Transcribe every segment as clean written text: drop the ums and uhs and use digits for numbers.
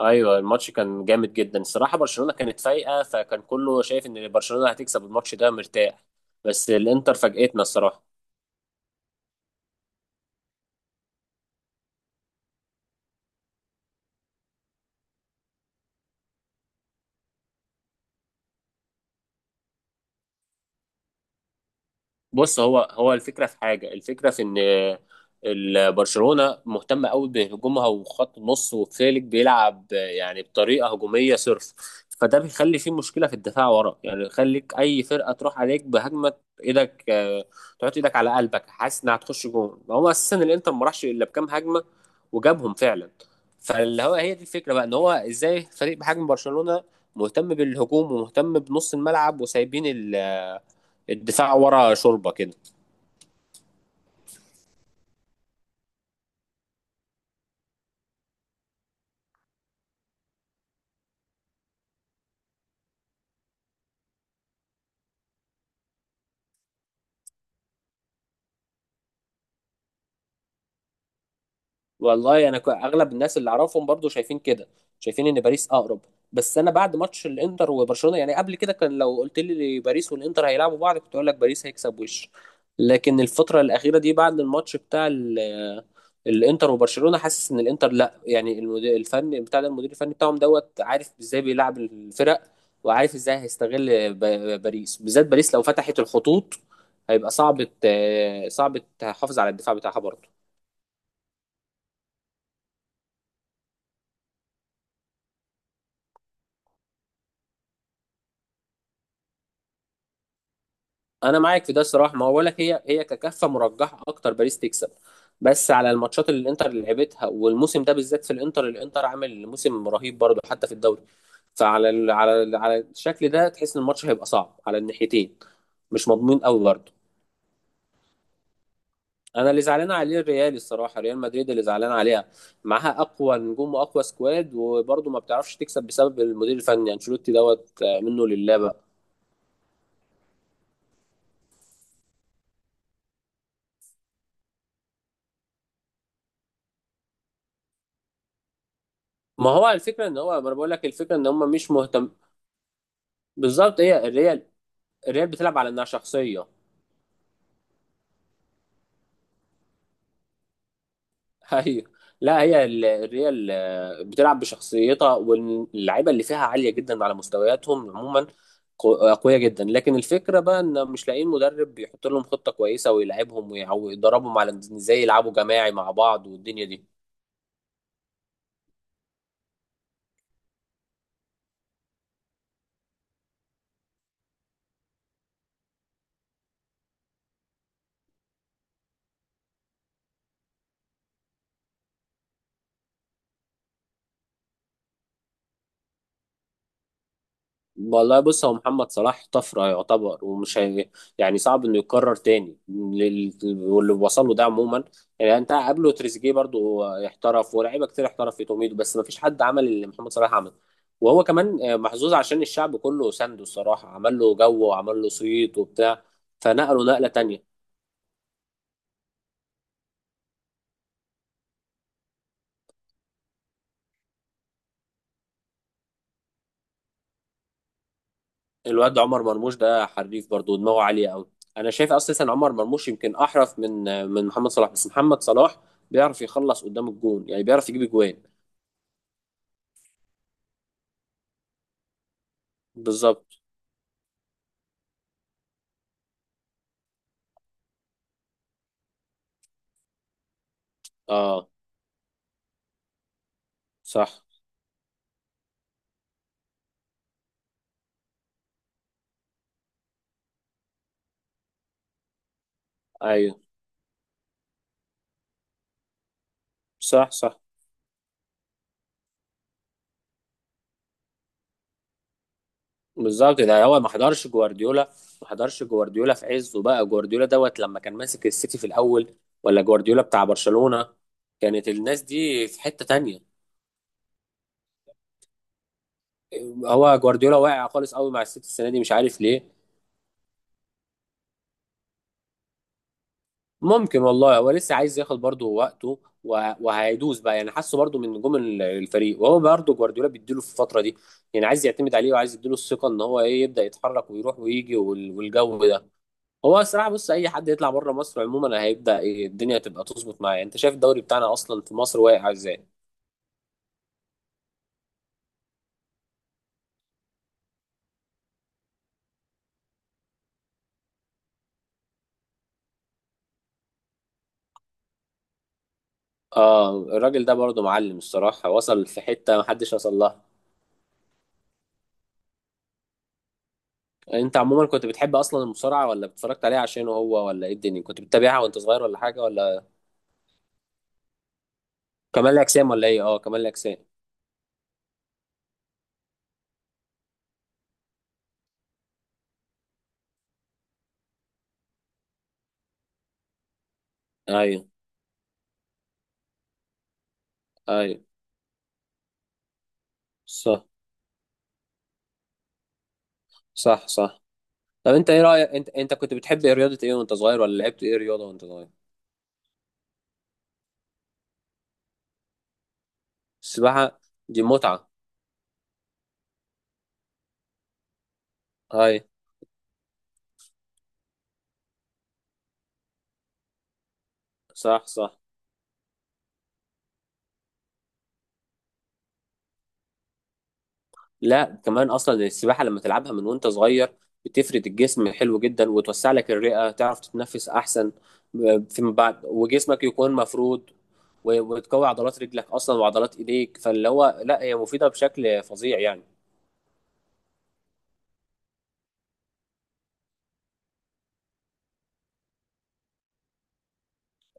ايوه، الماتش كان جامد جدا الصراحه. برشلونه كانت فايقه فكان كله شايف ان برشلونه هتكسب الماتش ده مرتاح. بس الانتر فاجئتنا الصراحه. بص، هو الفكره في حاجه، الفكره في ان برشلونه مهتمه قوي بهجومها وخط النص، وفيليك بيلعب يعني بطريقه هجوميه صرف. فده بيخلي فيه مشكله في الدفاع ورا، يعني يخليك اي فرقه تروح عليك بهجمه. ايدك آه، تحط ايدك على قلبك حاسس انها هتخش جون. هو اساسا الانتر ما راحش الا بكام هجمه وجابهم فعلا. فاللي هو هي دي الفكره بقى، ان هو ازاي فريق بحجم برشلونه مهتم بالهجوم ومهتم بنص الملعب، وسايبين الدفاع ورا شوربه كده. والله انا اغلب الناس اللي اعرفهم برضو شايفين كده، شايفين ان باريس اقرب. بس انا بعد ماتش الانتر وبرشلونه، يعني قبل كده كان لو قلت لي باريس والانتر هيلعبوا بعض كنت اقول لك باريس هيكسب وش. لكن الفتره الاخيره دي بعد الماتش بتاع الانتر وبرشلونه، حاسس ان الانتر لا، يعني المدير الفني بتاع ده، المدير الفني بتاعهم دوت، عارف ازاي بيلعب الفرق، وعارف ازاي هيستغل باريس. بالذات باريس لو فتحت الخطوط هيبقى صعب تحافظ على الدفاع بتاعها برضه. انا معاك في ده الصراحه، ما هو بقول لك هي هي ككفه مرجحه اكتر باريس تكسب. بس على الماتشات اللي الانتر اللي لعبتها، والموسم ده بالذات في الانتر، الانتر عامل موسم رهيب برضه حتى في الدوري. فعلى ال على ال على الشكل ده تحس ان الماتش هيبقى صعب على الناحيتين، مش مضمون قوي برضه. انا اللي زعلان عليه الريال الصراحه، ريال مدريد اللي زعلان عليها. معاها اقوى نجوم واقوى سكواد وبرضه ما بتعرفش تكسب بسبب المدير الفني انشيلوتي دوت، منه لله بقى. ما هو الفكره ان هو، ما انا بقول لك الفكره ان هم مش مهتم. بالظبط، هي الريال بتلعب على انها شخصيه. ايوه. لا، هي الريال بتلعب بشخصيتها، واللعيبه اللي فيها عاليه جدا على مستوياتهم عموما، قويه جدا. لكن الفكره بقى ان مش لاقيين مدرب يحط لهم خطه كويسه ويلعبهم ويدربهم على إن ازاي يلعبوا جماعي مع بعض والدنيا دي. والله بص، هو محمد صلاح طفرة يعتبر ومش هي، يعني صعب انه يتكرر تاني واللي وصل له ده عموما. يعني انت قبله تريزيجيه برضو احترف، ولاعيبه كتير احترف في توميدو، بس ما فيش حد عمل اللي محمد صلاح عمله. وهو كمان محظوظ عشان الشعب كله سنده الصراحة، عمل له جو وعمل له صيت وبتاع، فنقله نقلة تانية. الواد عمر مرموش ده حريف برضو، دماغه عالية قوي. انا شايف اساسا عمر مرموش يمكن احرف من محمد صلاح، بس محمد صلاح بيعرف يخلص قدام الجون، يعني بيعرف يجيب جوان. بالظبط. اه. صح. ايوه. صح صح. بالظبط. ده هو ما حضرش جوارديولا، ما حضرش جوارديولا في عزه بقى، جوارديولا دوت لما كان ماسك السيتي في الاول، ولا جوارديولا بتاع برشلونة. كانت الناس دي في حتة تانية. هو جوارديولا واقع خالص قوي مع السيتي السنة دي، مش عارف ليه. ممكن والله، هو لسه عايز ياخد برضه وقته وهيدوس بقى، يعني حاسه برضه من نجوم الفريق، وهو برضه جوارديولا بيديله في الفترة دي. يعني عايز يعتمد عليه وعايز يديله الثقة ان هو ايه، يبدأ يتحرك ويروح ويجي والجو ده. هو الصراحه بص، اي حد يطلع بره مصر عموما هيبدا ايه الدنيا تبقى تظبط معاه. انت شايف الدوري بتاعنا اصلا في مصر واقع ازاي. اه، الراجل ده برضه معلم الصراحه، وصل في حته محدش وصل لها. انت عموما كنت بتحب اصلا المصارعه ولا اتفرجت عليها عشانه هو، ولا ايه الدنيا؟ كنت بتتابعها وانت صغير ولا حاجه ولا؟ كمال الاجسام ولا ايه؟ اه كمال الاجسام. ايوه ايوه. صح صح صح. طب انت ايه رايك، انت انت كنت بتحب ايه، رياضه ايه وانت صغير، ولا لعبت ايه رياضه وانت صغير؟ السباحه دي متعه. ايوه. صح صح. لا كمان اصلا السباحه لما تلعبها من وانت صغير بتفرد الجسم حلو جدا، وتوسع لك الرئه تعرف تتنفس احسن فيما بعد، وجسمك يكون مفرود وتقوي عضلات رجلك اصلا وعضلات ايديك. فاللي هو لا، هي مفيده بشكل فظيع يعني.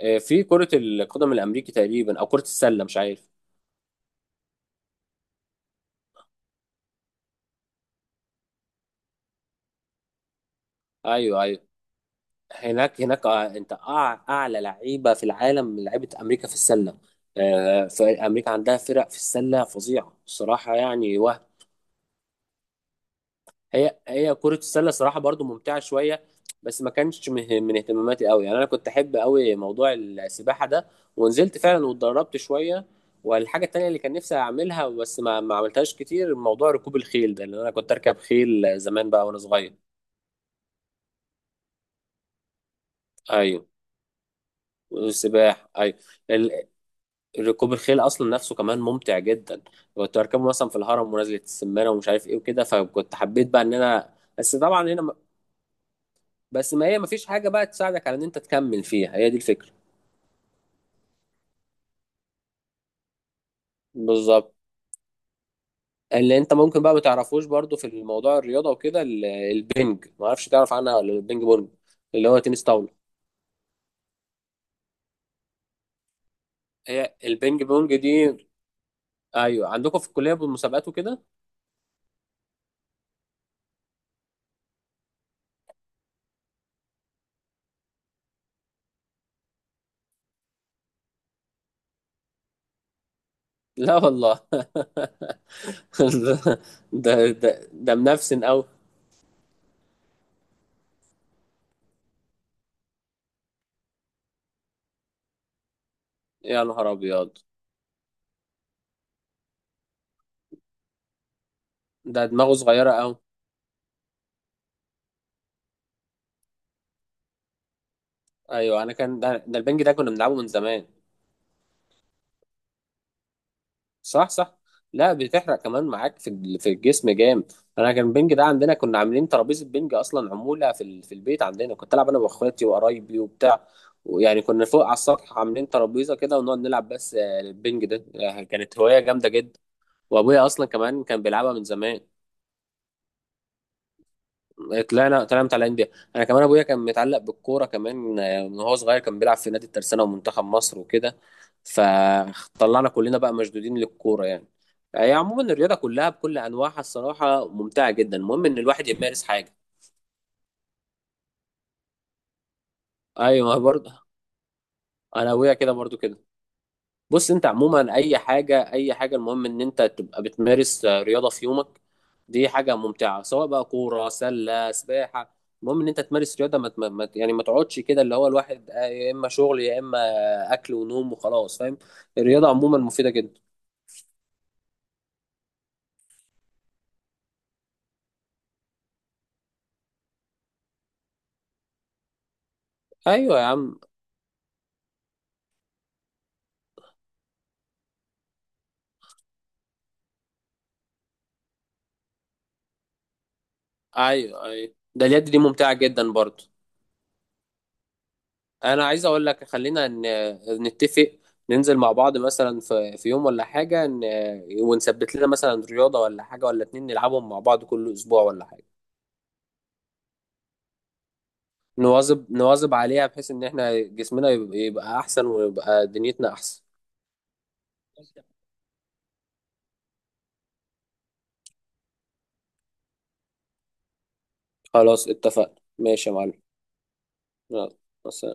في كره القدم الامريكي تقريبا، او كره السله مش عارف. ايوه ايوه. هناك، انت اعلى لعيبه في العالم من لعيبه امريكا في السله. فامريكا عندها فرق في السله فظيعه الصراحه يعني، وهم. هي هي كرة السلة صراحة برضو ممتعة شوية، بس ما كانش من اهتماماتي قوي، يعني انا كنت احب قوي موضوع السباحة ده، ونزلت فعلا واتدربت شوية. والحاجة التانية اللي كان نفسي اعملها بس ما عملتهاش كتير، موضوع ركوب الخيل ده، لان انا كنت اركب خيل زمان بقى وانا صغير. ايوه. والسباحة، ايوه. ال- ركوب الخيل اصلا نفسه كمان ممتع جدا. كنت اركبه مثلا في الهرم ونزلة السمانة، ومش عارف ايه وكده، فكنت حبيت بقى ان انا، بس طبعا هنا بس ما هي مفيش حاجة بقى تساعدك على ان انت تكمل فيها، هي دي الفكرة. بالظبط. اللي انت ممكن بقى ما تعرفوش برضو في الموضوع الرياضة وكده، البنج، ما اعرفش تعرف عنها ولا، البنج بونج، اللي هو تنس طاولة. هي البنج بونج دي؟ ايوه عندكم في الكلية بالمسابقات وكده. لا والله ده ده منفسن قوي. يا نهار ابيض. ده دماغه صغيرة قوي. ايوه، انا كان ده البنج ده كنا بنلعبه من زمان. صح صح. لا بتحرق كمان معاك في في الجسم جامد. انا كان البنج ده عندنا، كنا عاملين ترابيزه بنج اصلا عموله في في البيت عندنا، كنت العب انا واخواتي وقرايبي وبتاع. ويعني كنا فوق على السطح عاملين ترابيزه كده ونقعد نلعب. بس البنج ده كانت هوايه جامده جدا. وابويا اصلا كمان كان بيلعبها من زمان. طلعنا متعلقين بيها. انا كمان ابويا كان متعلق بالكوره كمان، من وهو صغير كان بيلعب في نادي الترسانه ومنتخب مصر وكده، فطلعنا كلنا بقى مشدودين للكوره يعني. هي عموما الرياضه كلها بكل انواعها الصراحه ممتعه جدا، المهم ان الواحد يمارس حاجه. ايوه برضه. انا ابويا كده برضه كده. بص، انت عموما اي حاجه، اي حاجه، المهم ان انت تبقى بتمارس رياضه في يومك. دي حاجه ممتعه، سواء بقى كوره، سله، سباحه، المهم ان انت تمارس رياضه. يعني ما تقعدش كده، اللي هو الواحد يا اما شغل، يا اما اكل ونوم وخلاص، فاهم؟ الرياضه عموما مفيده جدا. ايوه يا عم. ايوه ايوه، ده اليد دي ممتعه جدا برضه. انا عايز اقول لك، خلينا نتفق، ننزل مع بعض مثلا في يوم ولا حاجه، ونثبت لنا مثلا رياضه ولا حاجه ولا اتنين نلعبهم مع بعض كل اسبوع ولا حاجه، نواظب عليها بحيث ان احنا جسمنا يبقى احسن ويبقى دنيتنا احسن. خلاص اتفقنا، ماشي يا معلم. يلا. بس.